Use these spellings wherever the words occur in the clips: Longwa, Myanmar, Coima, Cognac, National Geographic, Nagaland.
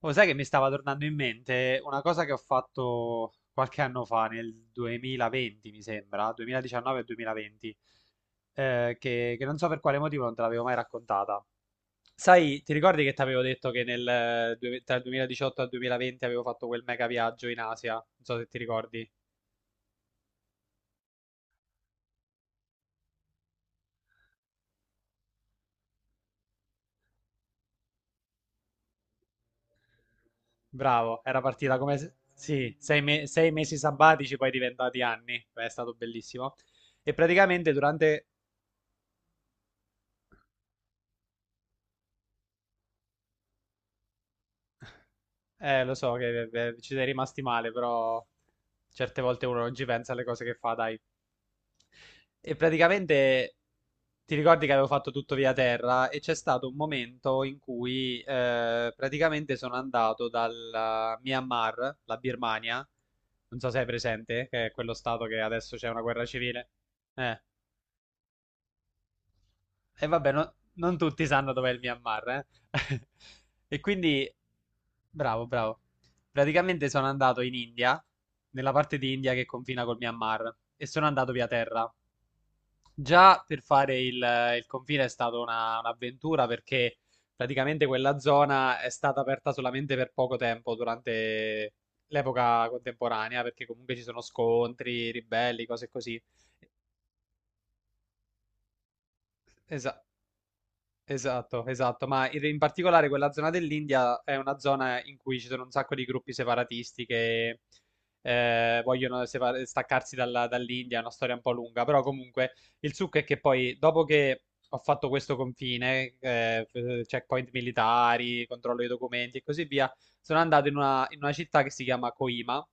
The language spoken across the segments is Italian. Oh, sai che mi stava tornando in mente una cosa che ho fatto qualche anno fa, nel 2020 mi sembra, 2019 e 2020, che non so per quale motivo non te l'avevo mai raccontata. Sai, ti ricordi che ti avevo detto che tra il 2018 e il 2020 avevo fatto quel mega viaggio in Asia? Non so se ti ricordi. Bravo, era partita come, sì, sei mesi sabbatici, poi diventati anni. Beh, è stato bellissimo. E praticamente durante. Lo so che ci sei rimasti male, però certe volte uno non ci pensa alle cose che fa, dai. E praticamente ti ricordi che avevo fatto tutto via terra e c'è stato un momento in cui praticamente sono andato dal Myanmar, la Birmania, non so se è presente, che è quello stato che adesso c'è una guerra civile. Eh, e vabbè, non tutti sanno dov'è il Myanmar, eh. E quindi. Bravo, bravo. Praticamente sono andato in India, nella parte di India che confina col Myanmar, e sono andato via terra. Già per fare il confine è stata un'avventura perché praticamente quella zona è stata aperta solamente per poco tempo durante l'epoca contemporanea, perché comunque ci sono scontri, ribelli, cose così. Esatto. Esatto, esatto, ma in particolare quella zona dell'India è una zona in cui ci sono un sacco di gruppi separatisti che vogliono staccarsi dall'India, è una storia un po' lunga, però comunque il succo è che poi dopo che ho fatto questo confine, checkpoint militari, controllo dei documenti e così via, sono andato in una città che si chiama Coima,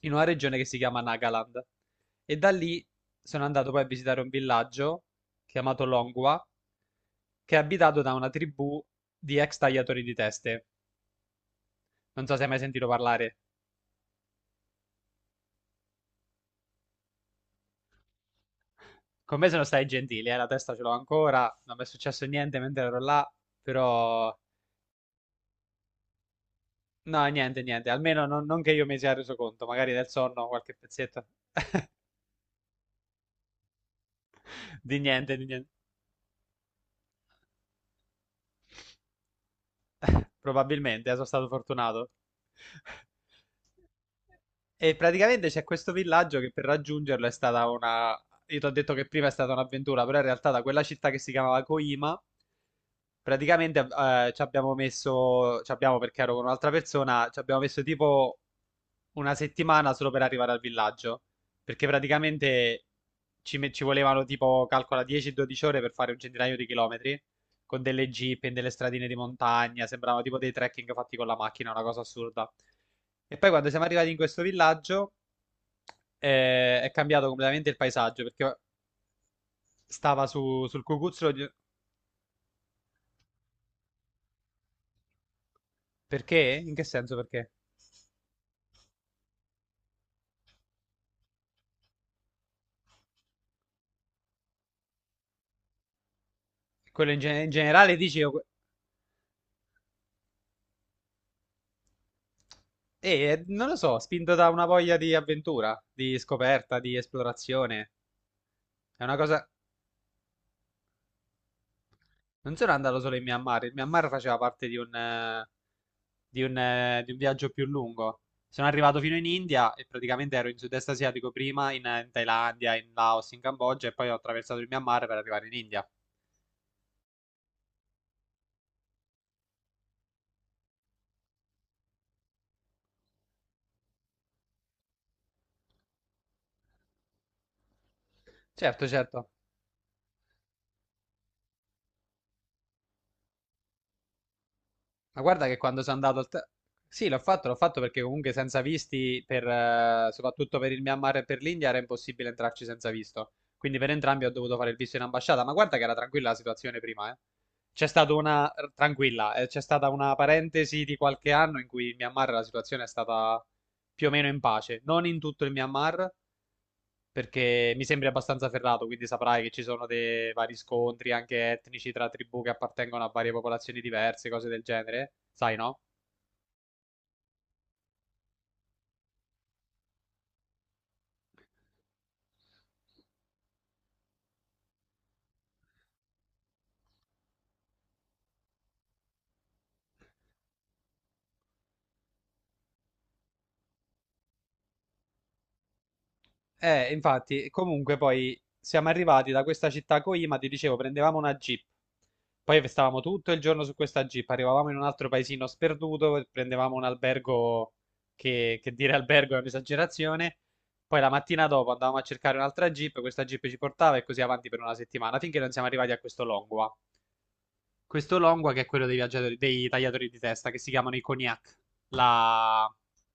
in una regione che si chiama Nagaland e da lì sono andato poi a visitare un villaggio chiamato Longwa che è abitato da una tribù di ex tagliatori di teste. Non so se hai mai sentito parlare. Con me sono stati gentili, la testa ce l'ho ancora, non mi è successo niente mentre ero là, però. No, niente, niente, almeno non, non che io mi sia reso conto, magari nel sonno qualche pezzetto di niente, di niente. Probabilmente, sono stato fortunato. E praticamente c'è questo villaggio che per raggiungerlo è stata una. Io ti ho detto che prima è stata un'avventura, però in realtà da quella città che si chiamava Koima, praticamente ci abbiamo messo, ci abbiamo perché ero con un'altra persona, ci abbiamo messo tipo una settimana solo per arrivare al villaggio, perché praticamente ci volevano tipo, calcola 10-12 ore per fare un centinaio di chilometri, con delle jeep in delle stradine di montagna, sembravano tipo dei trekking fatti con la macchina, una cosa assurda. E poi quando siamo arrivati in questo villaggio è cambiato completamente il paesaggio, perché stava sul cucuzzolo di. Perché? In che senso perché? Quello in generale dici. Non lo so, spinto da una voglia di avventura, di scoperta, di esplorazione. È una cosa. Non sono andato solo in Myanmar. Il Myanmar faceva parte di un viaggio più lungo. Sono arrivato fino in India e praticamente ero in sud-est asiatico prima, in Thailandia, in Laos, in Cambogia e poi ho attraversato il Myanmar per arrivare in India. Certo, certo. Ma guarda che quando sono andato al te-. Sì, l'ho fatto perché comunque senza visti, soprattutto per il Myanmar e per l'India, era impossibile entrarci senza visto. Quindi per entrambi ho dovuto fare il visto in ambasciata. Ma guarda che era tranquilla la situazione prima, eh. C'è stata una, tranquilla, c'è stata una parentesi di qualche anno in cui in Myanmar la situazione è stata più o meno in pace. Non in tutto il Myanmar, perché mi sembri abbastanza ferrato, quindi saprai che ci sono dei vari scontri anche etnici tra tribù che appartengono a varie popolazioni diverse, cose del genere, sai, no? Infatti, comunque poi siamo arrivati da questa città Coima, ti dicevo, prendevamo una jeep, poi stavamo tutto il giorno su questa jeep, arrivavamo in un altro paesino sperduto, prendevamo un albergo che dire albergo è un'esagerazione, poi la mattina dopo andavamo a cercare un'altra jeep, questa jeep ci portava e così avanti per una settimana, finché non siamo arrivati a questo Longua. Questo longua che è quello dei tagliatori di testa, che si chiamano i Cognac, la,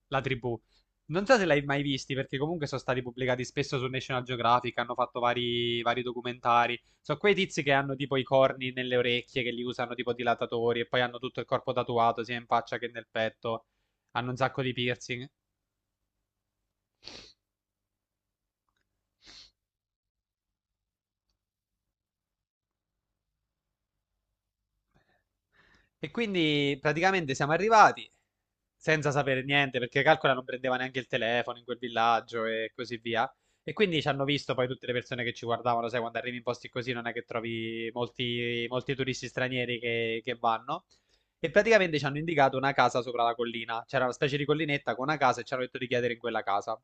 la tribù. Non so se l'hai mai visti, perché comunque sono stati pubblicati spesso su National Geographic, hanno fatto vari, vari documentari. Sono quei tizi che hanno tipo i corni nelle orecchie, che li usano tipo dilatatori, e poi hanno tutto il corpo tatuato, sia in faccia che nel petto. Hanno un sacco di piercing. E quindi praticamente siamo arrivati, senza sapere niente, perché calcola non prendeva neanche il telefono in quel villaggio e così via. E quindi ci hanno visto poi tutte le persone che ci guardavano, sai, quando arrivi in posti così non è che trovi molti, molti turisti stranieri che vanno. E praticamente ci hanno indicato una casa sopra la collina. C'era una specie di collinetta con una casa e ci hanno detto di chiedere in quella casa.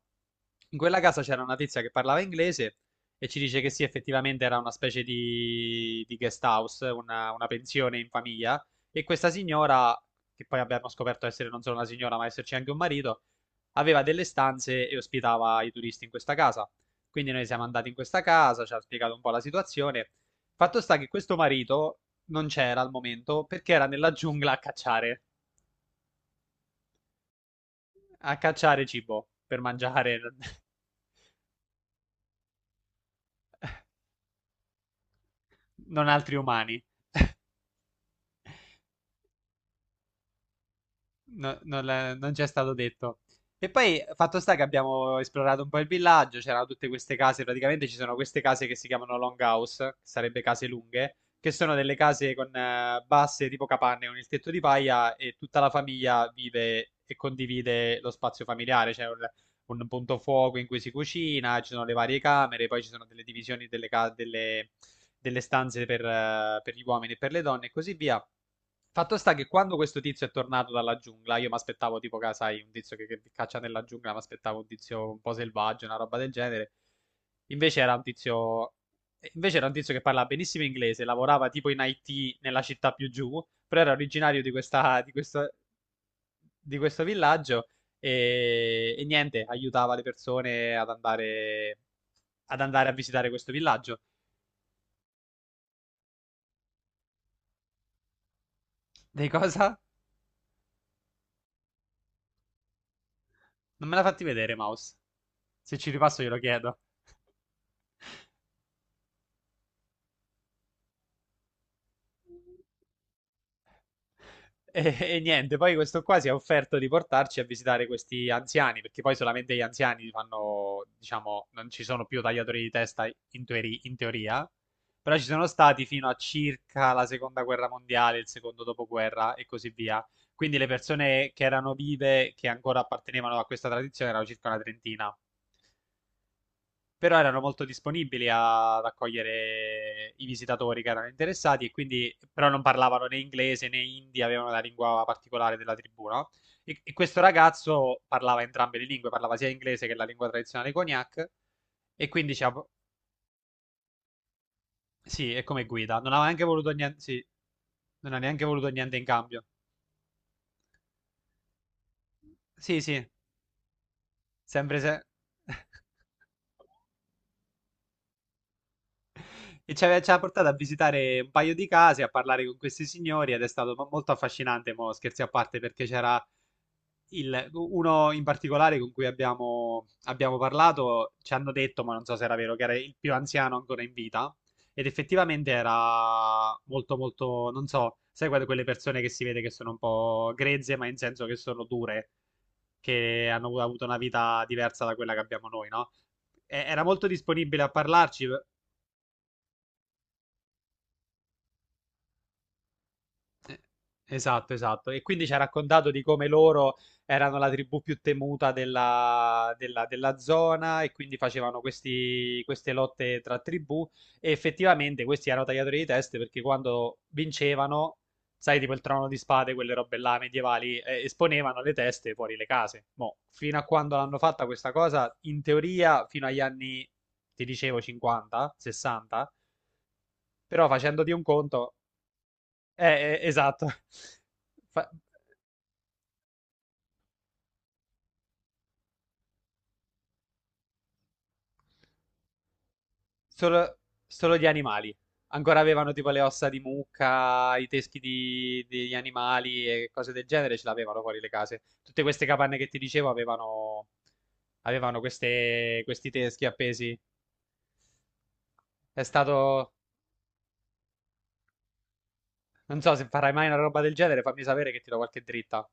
In quella casa c'era una tizia che parlava inglese e ci dice che sì, effettivamente era una specie di guest house, una pensione in famiglia. E questa signora che poi abbiamo scoperto essere non solo una signora, ma esserci anche un marito, aveva delle stanze e ospitava i turisti in questa casa. Quindi noi siamo andati in questa casa, ci ha spiegato un po' la situazione. Fatto sta che questo marito non c'era al momento perché era nella giungla a cacciare cibo per mangiare non altri umani. Non ci è stato detto. E poi, fatto sta che abbiamo esplorato un po' il villaggio, c'erano tutte queste case, praticamente ci sono queste case che si chiamano longhouse, che sarebbe case lunghe, che sono delle case con basse tipo capanne, con il tetto di paia e tutta la famiglia vive e condivide lo spazio familiare, c'è un punto fuoco in cui si cucina, ci sono le varie camere, poi ci sono delle divisioni delle stanze per gli uomini e per le donne e così via. Fatto sta che quando questo tizio è tornato dalla giungla, io mi aspettavo tipo, sai, un tizio che caccia nella giungla, mi aspettavo un tizio un po' selvaggio, una roba del genere. Invece era un tizio, invece era un tizio che parlava benissimo inglese, lavorava tipo in IT nella città più giù, però era originario di questo villaggio e niente, aiutava le persone ad andare, a visitare questo villaggio. Dei cosa? Non me l'ha fatti vedere, Mouse. Se ci ripasso glielo chiedo. E niente, poi questo qua si è offerto di portarci a visitare questi anziani, perché poi solamente gli anziani fanno, diciamo, non ci sono più tagliatori di testa in teoria, però ci sono stati fino a circa la seconda guerra mondiale, il secondo dopoguerra e così via. Quindi le persone che erano vive, che ancora appartenevano a questa tradizione, erano circa una trentina però erano molto disponibili ad accogliere i visitatori che erano interessati e quindi però non parlavano né inglese né hindi, avevano la lingua particolare della tribù, no? E questo ragazzo parlava entrambe le lingue, parlava sia inglese che la lingua tradizionale cognac e quindi diciamo, sì, è come guida, non aveva neanche voluto niente, sì, non ha neanche voluto niente in cambio. Sì, sì, sempre se. E ci ha portato a visitare un paio di case, a parlare con questi signori ed è stato molto affascinante, mo, scherzi a parte, perché c'era uno in particolare con cui abbiamo parlato, ci hanno detto, ma non so se era vero, che era il più anziano ancora in vita ed effettivamente era molto molto, non so, sai quelle persone che si vede che sono un po' grezze, ma in senso che sono dure, che hanno avuto una vita diversa da quella che abbiamo noi, no? Era molto disponibile a parlarci. Eh, Esatto, esatto. E quindi ci ha raccontato di come loro erano la tribù più temuta della zona e quindi facevano queste lotte tra tribù e effettivamente questi erano tagliatori di teste perché quando vincevano, sai, tipo il trono di spade, quelle robe là medievali, esponevano le teste fuori le case. Mo, fino a quando l'hanno fatta questa cosa, in teoria fino agli anni, ti dicevo, 50, 60, però facendoti un conto esatto. Fa- Solo, solo di animali. Ancora avevano tipo le ossa di mucca, i teschi degli animali e cose del genere, ce l'avevano fuori le case. Tutte queste capanne che ti dicevo avevano, questi teschi appesi. È stato. Non so se farai mai una roba del genere, fammi sapere che ti do qualche dritta.